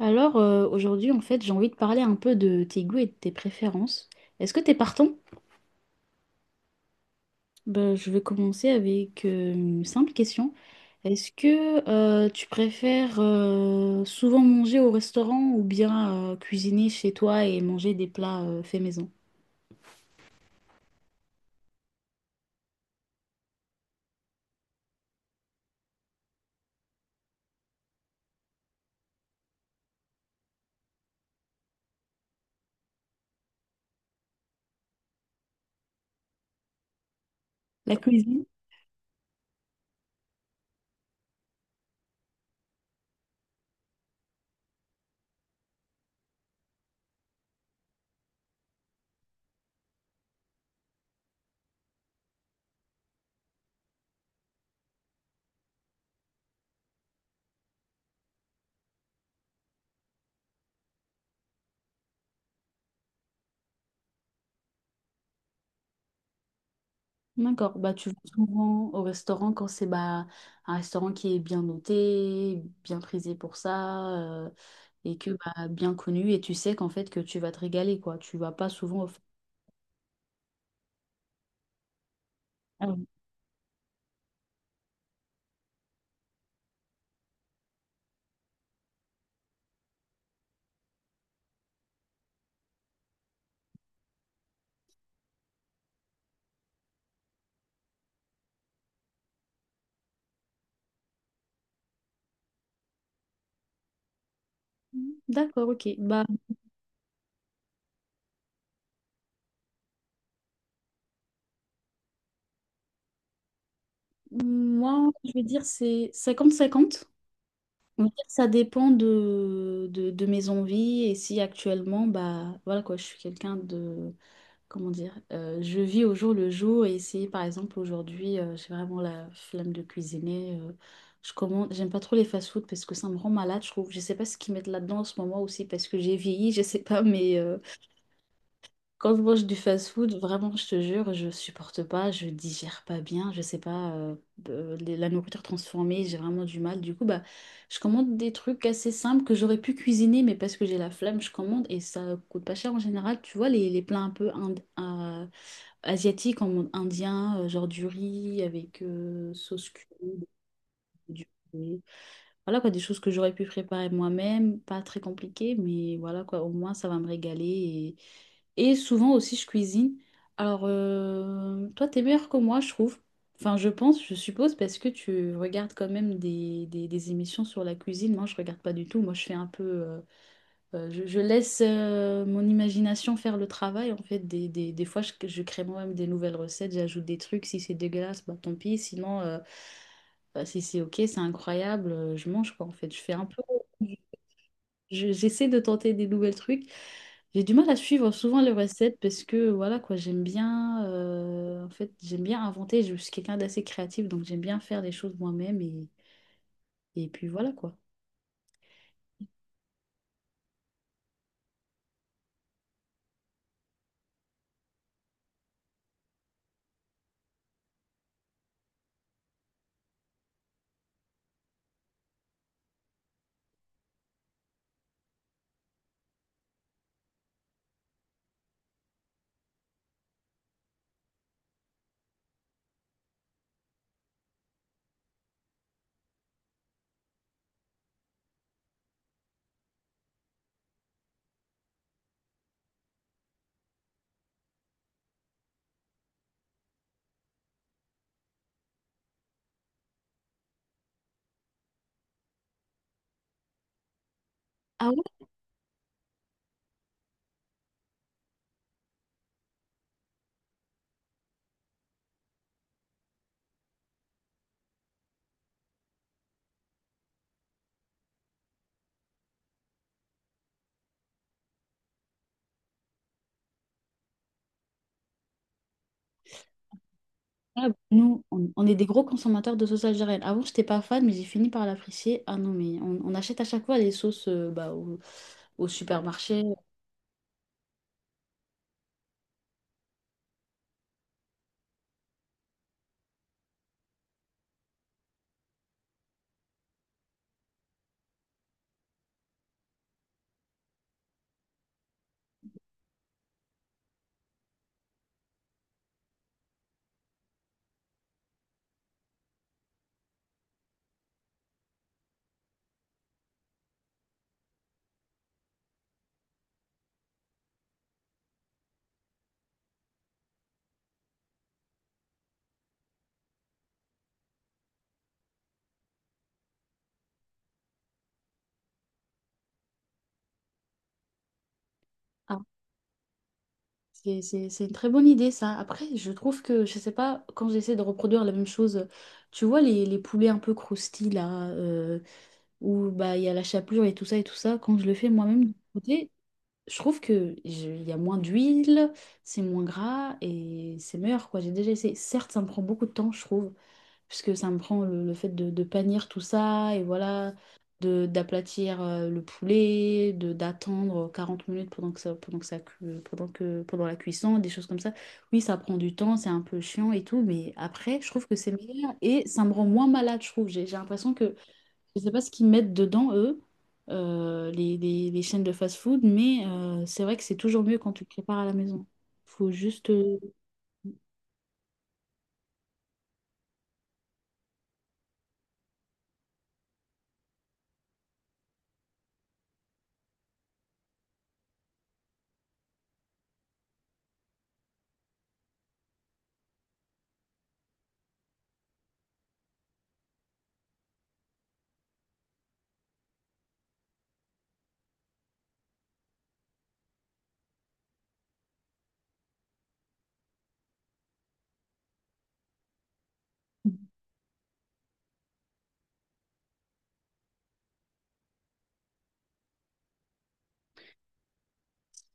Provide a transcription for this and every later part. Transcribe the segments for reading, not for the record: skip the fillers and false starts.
Alors, aujourd'hui, en fait, j'ai envie de parler un peu de tes goûts et de tes préférences. Est-ce que t'es partant? Ben, je vais commencer avec une simple question. Est-ce que tu préfères souvent manger au restaurant ou bien cuisiner chez toi et manger des plats faits maison? La cuisine? D'accord. Bah, tu vas souvent au restaurant quand c'est bah, un restaurant qui est bien noté, bien prisé pour ça, euh, et que bah, bien connu et tu sais qu'en fait que tu vas te régaler, quoi. Tu vas pas souvent. Ah oui. D'accord, ok. Bah, moi, je vais dire, c'est 50-50. On va dire que ça dépend de mes envies, et si actuellement, bah, voilà quoi, je suis quelqu'un de, comment dire, je vis au jour le jour. Et si par exemple aujourd'hui, j'ai vraiment la flemme de cuisiner, je commande. J'aime pas trop les fast-food parce que ça me rend malade, je trouve. Je sais pas ce qu'ils mettent là-dedans en ce moment, aussi parce que j'ai vieilli, je sais pas, mais quand je mange du fast-food, vraiment, je te jure, je supporte pas, je digère pas bien, je sais pas, la nourriture transformée, j'ai vraiment du mal. Du coup, bah, je commande des trucs assez simples que j'aurais pu cuisiner, mais parce que j'ai la flemme, je commande, et ça coûte pas cher en général. Tu vois, les plats un peu asiatiques, en mode indien, genre du riz avec sauce curry, du poulet. Voilà quoi, des choses que j'aurais pu préparer moi-même, pas très compliquées, mais voilà quoi, au moins ça va me régaler. Et souvent aussi je cuisine. Alors, toi, t'es meilleur que moi, je trouve. Enfin, je pense, je suppose, parce que tu regardes quand même des émissions sur la cuisine. Moi, je regarde pas du tout. Moi, je fais un peu. Je laisse mon imagination faire le travail. En fait, des fois, je crée moi-même des nouvelles recettes, j'ajoute des trucs. Si c'est dégueulasse, bah tant pis. Sinon, bah, si c'est OK, c'est incroyable, je mange, quoi. En fait, je fais un peu. J'essaie de tenter des nouvelles trucs. J'ai du mal à suivre souvent les recettes parce que, voilà quoi, j'aime bien. En fait, j'aime bien inventer. Je suis quelqu'un d'assez créatif, donc j'aime bien faire des choses moi-même. Et puis voilà, quoi. Ah. Ah, nous, on est des gros consommateurs de sauce algérienne. Avant, j'étais pas fan, mais j'ai fini par l'apprécier. Ah non, mais on achète à chaque fois les sauces bah, au supermarché. Ah, c'est une très bonne idée, ça. Après, je trouve que, je sais pas, quand j'essaie de reproduire la même chose, tu vois, les poulets un peu croustillés, là, où bah, il y a la chapelure et tout ça, quand je le fais moi-même de mon côté, je trouve que il y a moins d'huile, c'est moins gras et c'est meilleur, quoi. J'ai déjà essayé. Certes, ça me prend beaucoup de temps, je trouve. Puisque ça me prend le fait de panir tout ça, et voilà, d'aplatir le poulet, d'attendre 40 minutes pendant la cuisson, des choses comme ça. Oui, ça prend du temps, c'est un peu chiant et tout, mais après, je trouve que c'est meilleur, et ça me rend moins malade, je trouve. J'ai l'impression que, je sais pas ce qu'ils mettent dedans, eux, les, les chaînes de fast-food, mais c'est vrai que c'est toujours mieux quand tu le prépares à la maison. Faut juste...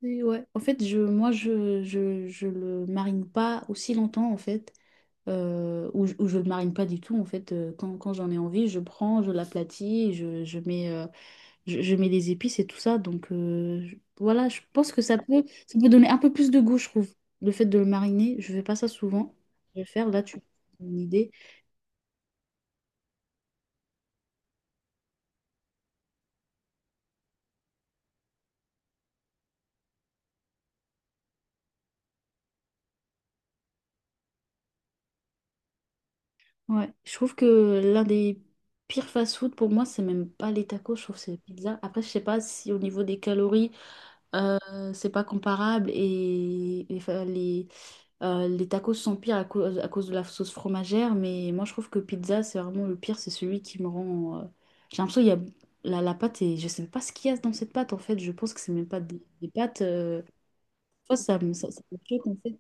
Et ouais. En fait, moi, je le marine pas aussi longtemps, en fait, ou, ou je le marine pas du tout, en fait. Quand j'en ai envie, je prends, je l'aplatis, je mets, je mets des épices et tout ça. Donc, voilà, je pense que ça peut, donner un peu plus de goût, je trouve. Le fait de le mariner, je fais pas ça souvent. Je vais faire, là tu as une idée. Ouais. Je trouve que l'un des pires fast-food pour moi, c'est même pas les tacos, je trouve que c'est les pizzas. Après, je sais pas si au niveau des calories, Euh, c'est pas comparable, et les tacos sont pires à cause de la sauce fromagère, mais moi, je trouve que pizza, c'est vraiment le pire, c'est celui qui me rend. J'ai l'impression qu'il y a la pâte et je sais même pas ce qu'il y a dans cette pâte, en fait, je pense que c'est même pas des pâtes. Moi ça me ça, ça me choque, en fait.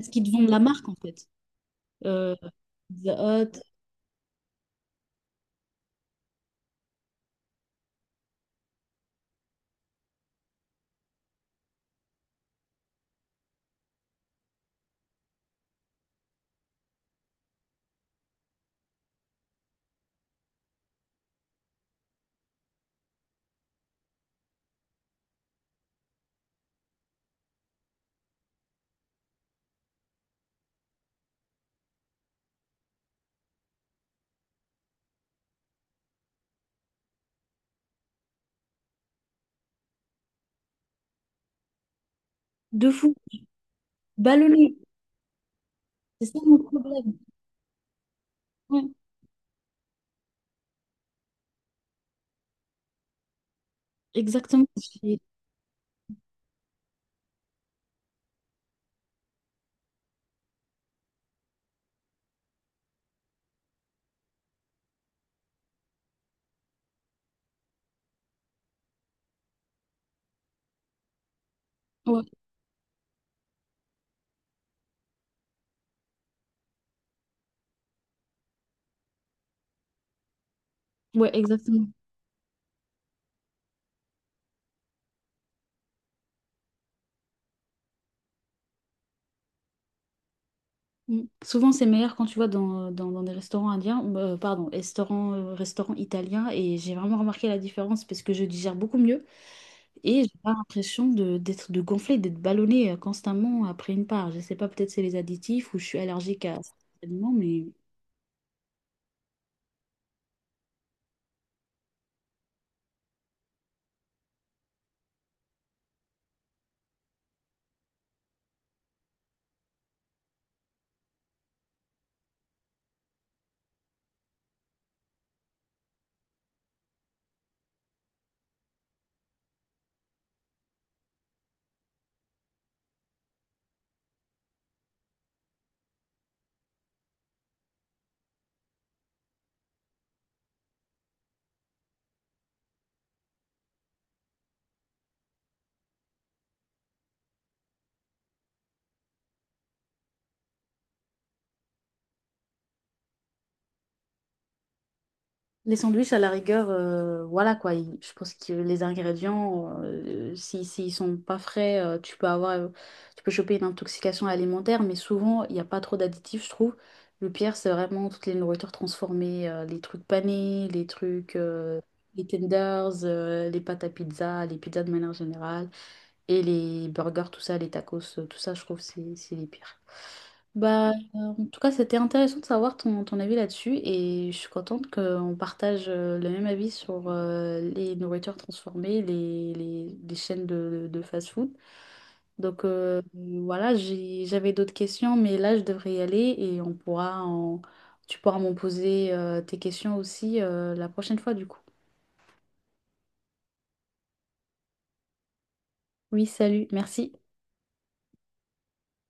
Est-ce qu'ils te vendent la marque, en fait? Euh, Pizza Hut, de fou, ballonné, c'est ça mon problème. Ouais, exactement. Ouais, ouais, exactement. Mm. Souvent, c'est meilleur quand tu vois dans, dans des restaurants indiens, pardon, restaurants, restaurants italiens, et j'ai vraiment remarqué la différence parce que je digère beaucoup mieux et j'ai pas l'impression d'être, de gonfler, d'être ballonné constamment après une part. Je sais pas, peut-être c'est les additifs ou je suis allergique à certains aliments, mais. Les sandwichs, à la rigueur, voilà, quoi. Je pense que les ingrédients, si, s'ils sont pas frais, tu peux avoir, tu peux choper une intoxication alimentaire, mais souvent, il n'y a pas trop d'additifs, je trouve. Le pire, c'est vraiment toutes les nourritures transformées, les trucs panés, les trucs, les tenders, les pâtes à pizza, les pizzas de manière générale, et les burgers, tout ça, les tacos, tout ça, je trouve, c'est les pires. Bah, en tout cas, c'était intéressant de savoir ton avis là-dessus, et je suis contente qu'on partage le même avis sur les nourritures transformées, les chaînes de fast-food. Donc voilà, j'avais d'autres questions, mais là, je devrais y aller et tu pourras m'en poser tes questions aussi la prochaine fois, du coup. Oui, salut, merci.